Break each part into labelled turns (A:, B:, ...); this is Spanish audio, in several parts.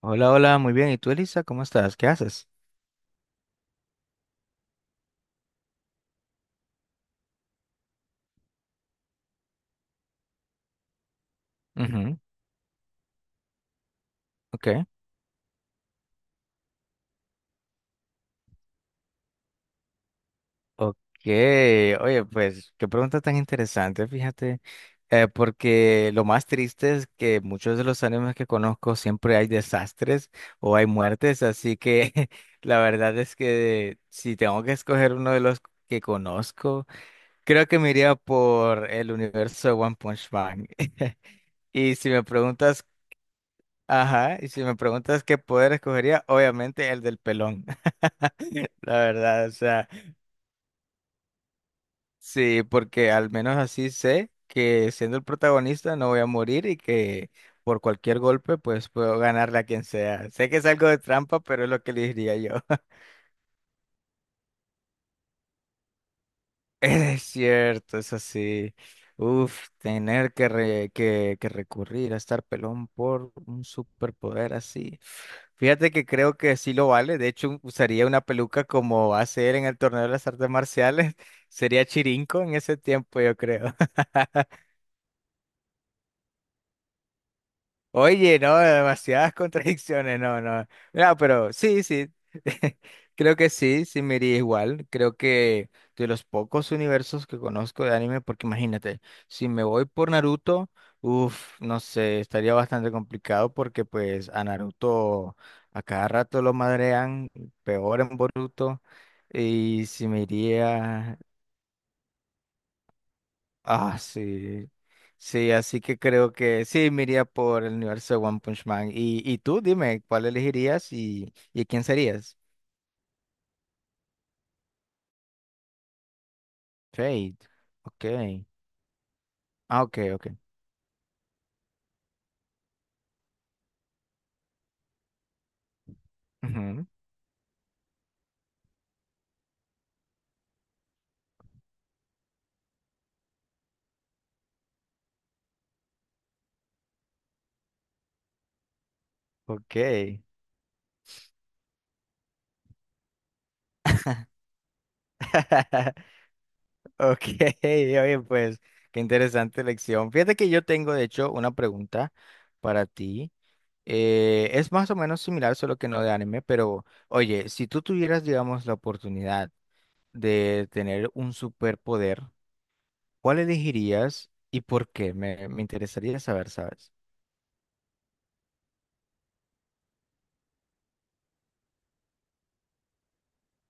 A: Hola, hola, muy bien. ¿Y tú, Elisa? ¿Cómo estás? ¿Qué haces? Ujú. Ok. Ok. Oye, pues qué pregunta tan interesante, fíjate. Porque lo más triste es que muchos de los animes que conozco siempre hay desastres o hay muertes, así que la verdad es que si tengo que escoger uno de los que conozco, creo que me iría por el universo de One Punch Man. Y si me preguntas Ajá, y si me preguntas qué poder escogería, obviamente el del pelón. La verdad, o sea, sí, porque al menos así sé que siendo el protagonista no voy a morir y que por cualquier golpe pues puedo ganarle a quien sea. Sé que es algo de trampa, pero es lo que le diría yo. Es cierto, es así. Uf, que, recurrir a estar pelón por un superpoder así. Fíjate que creo que sí lo vale. De hecho, usaría una peluca como hacer en el torneo de las artes marciales. Sería Chirinco en ese tiempo, yo creo. Oye, no, demasiadas contradicciones, no, no. No, pero sí, sí. Creo que sí, sí me iría igual. Creo que de los pocos universos que conozco de anime, porque imagínate, si me voy por Naruto, uff, no sé, estaría bastante complicado porque pues a Naruto a cada rato lo madrean, peor en Boruto. Y si me iría Ah, sí. Sí, así que creo que sí, me iría por el universo de One Punch Man. Y, tú, dime, ¿cuál elegirías y, quién serías? Fate. Ok. Ah, ok, ok. Ujú. Ok. Ok, oye, pues, qué interesante elección. Fíjate que yo tengo, de hecho, una pregunta para ti. Es más o menos similar, solo que no de anime, pero oye, si tú tuvieras, digamos, la oportunidad de tener un superpoder, ¿cuál elegirías y por qué? Me, interesaría saber, ¿sabes?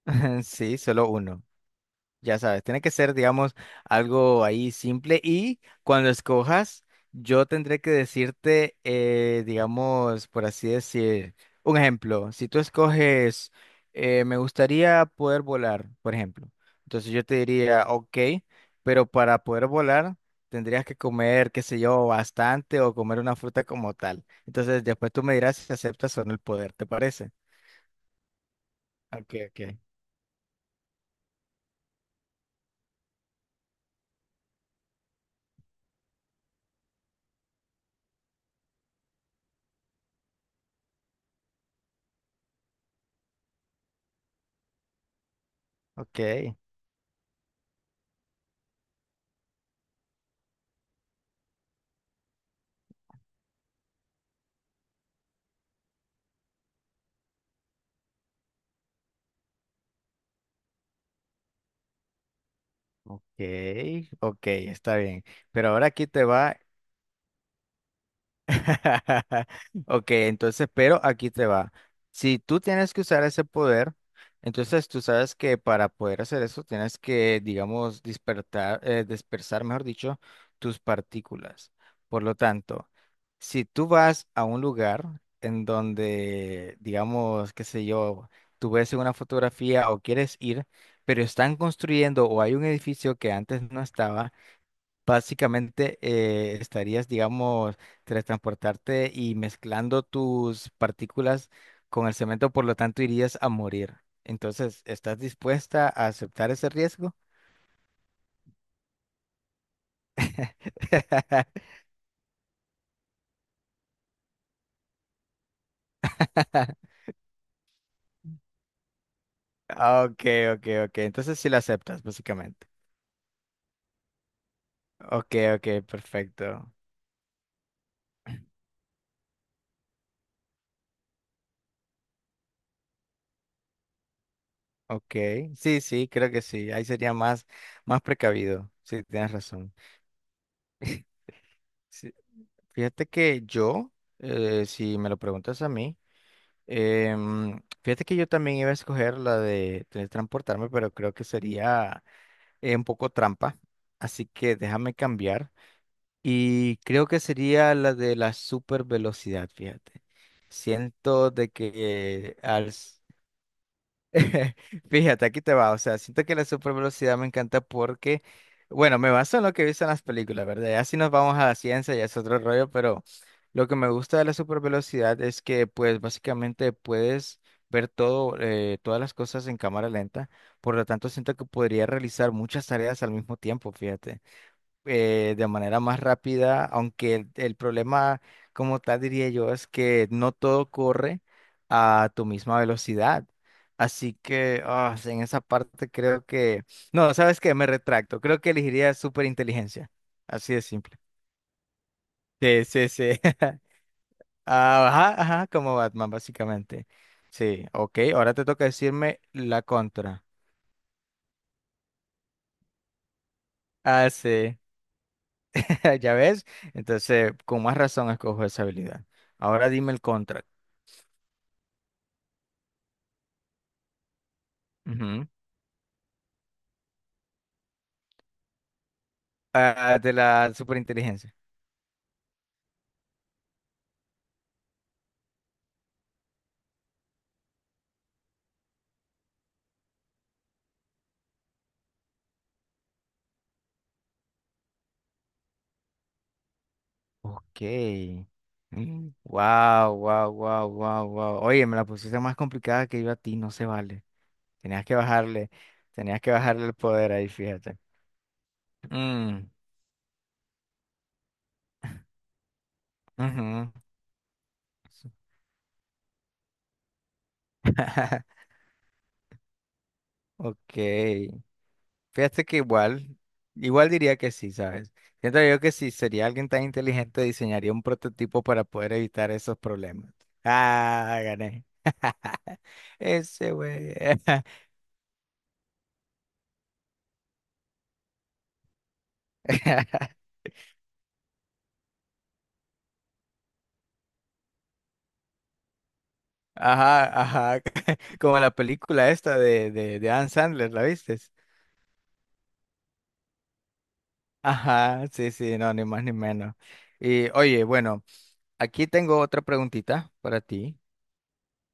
A: Sí, solo uno. Ya sabes, tiene que ser, digamos, algo ahí simple y cuando escojas, yo tendré que decirte, digamos, por así decir, un ejemplo. Si tú escoges, me gustaría poder volar, por ejemplo. Entonces yo te diría, ok, pero para poder volar tendrías que comer, qué sé yo, bastante o comer una fruta como tal. Entonces después tú me dirás si aceptas o no el poder, ¿te parece? Ok, ok. Ok. Ok, ok, está bien. Pero ahora aquí te va. Ok, entonces, pero aquí te va. Si tú tienes que usar ese poder, entonces tú sabes que para poder hacer eso tienes que, digamos, dispersar, mejor dicho, tus partículas. Por lo tanto, si tú vas a un lugar en donde, digamos, qué sé yo, tú ves una fotografía o quieres ir, pero están construyendo o hay un edificio que antes no estaba, básicamente estarías, digamos, transportarte y mezclando tus partículas con el cemento, por lo tanto irías a morir. Entonces, ¿estás dispuesta a aceptar ese riesgo? Ok, ok, ok. Entonces sí lo aceptas, básicamente. Ok, ok, perfecto. Ok, sí, sí, creo que sí. Ahí sería más, precavido. Sí, tienes razón. Sí, fíjate que yo, si me lo preguntas a mí, fíjate que yo también iba a escoger la de teletransportarme, pero creo que sería un poco trampa. Así que déjame cambiar. Y creo que sería la de la super velocidad, fíjate. Siento de que al Fíjate, aquí te va. O sea, siento que la super velocidad me encanta porque, bueno, me baso en lo que he visto en las películas, ¿verdad? Ya si nos vamos a la ciencia, ya es otro rollo, pero lo que me gusta de la super velocidad es que, pues, básicamente puedes ver todo, todas las cosas en cámara lenta. Por lo tanto, siento que podría realizar muchas tareas al mismo tiempo, fíjate de manera más rápida, aunque el problema como tal diría yo es que no todo corre a tu misma velocidad. Así que en esa parte creo que... No, ¿sabes qué? Me retracto. Creo que elegiría superinteligencia. Así de simple. Sí, sí, sí. Ajá, ajá, como Batman, básicamente. Sí, ok. Ahora te toca decirme la contra. Ah, sí. ¿Ya ves? Entonces, con más razón escojo esa habilidad. Ahora dime el contra. Ujú. De la superinteligencia. Ok. Wow, wow, wow, wow, wow. Oye, me la pusiste más complicada que yo a ti, no se vale. Tenías que bajarle, tenías que bajarle el poder ahí, fíjate. Mm, ujú. Ok. Fíjate que igual, igual diría que sí, ¿sabes? Siento yo que si sería alguien tan inteligente, diseñaría un prototipo para poder evitar esos problemas. Ah, gané. Ese güey. Ajá, ajá, como la película esta de Adam Sandler, ¿la viste? Ajá, sí, sí, no, ni más ni menos. Y oye, bueno, aquí tengo otra preguntita para ti,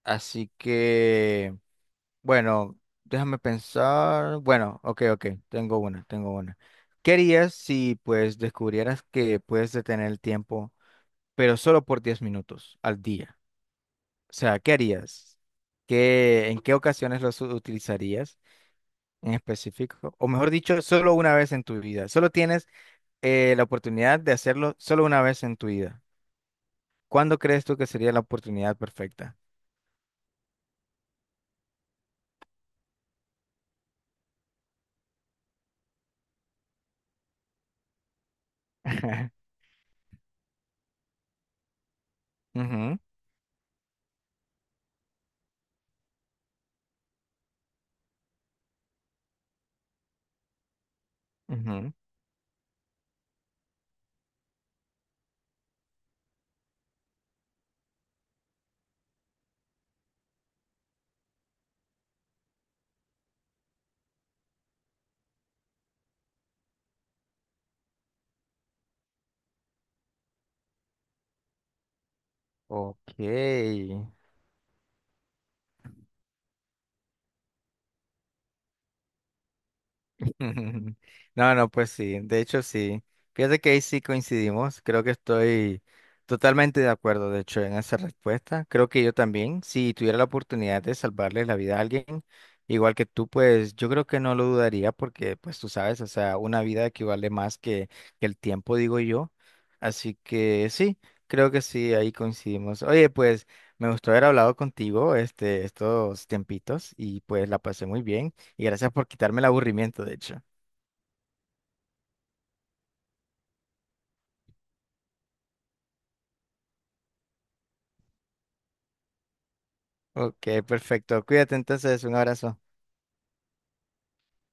A: así que, bueno, déjame pensar, bueno, ok, ok, tengo una. ¿Qué harías si pues descubrieras que puedes detener el tiempo, pero solo por 10 minutos al día? O sea, ¿qué harías? ¿Qué, en qué ocasiones los utilizarías? En específico, o mejor dicho, solo una vez en tu vida. Solo tienes la oportunidad de hacerlo solo una vez en tu vida. ¿Cuándo crees tú que sería la oportunidad perfecta? Ujú, ujú. Ok. No, no, pues sí, de hecho sí. Fíjate que ahí sí coincidimos, creo que estoy totalmente de acuerdo, de hecho, en esa respuesta. Creo que yo también, si tuviera la oportunidad de salvarle la vida a alguien, igual que tú, pues yo creo que no lo dudaría porque, pues tú sabes, o sea, una vida equivale más que, el tiempo, digo yo. Así que sí, creo que sí, ahí coincidimos. Oye, pues me gustó haber hablado contigo estos tiempitos y pues la pasé muy bien. Y gracias por quitarme el aburrimiento, de hecho. Ok, perfecto. Cuídate entonces, un abrazo.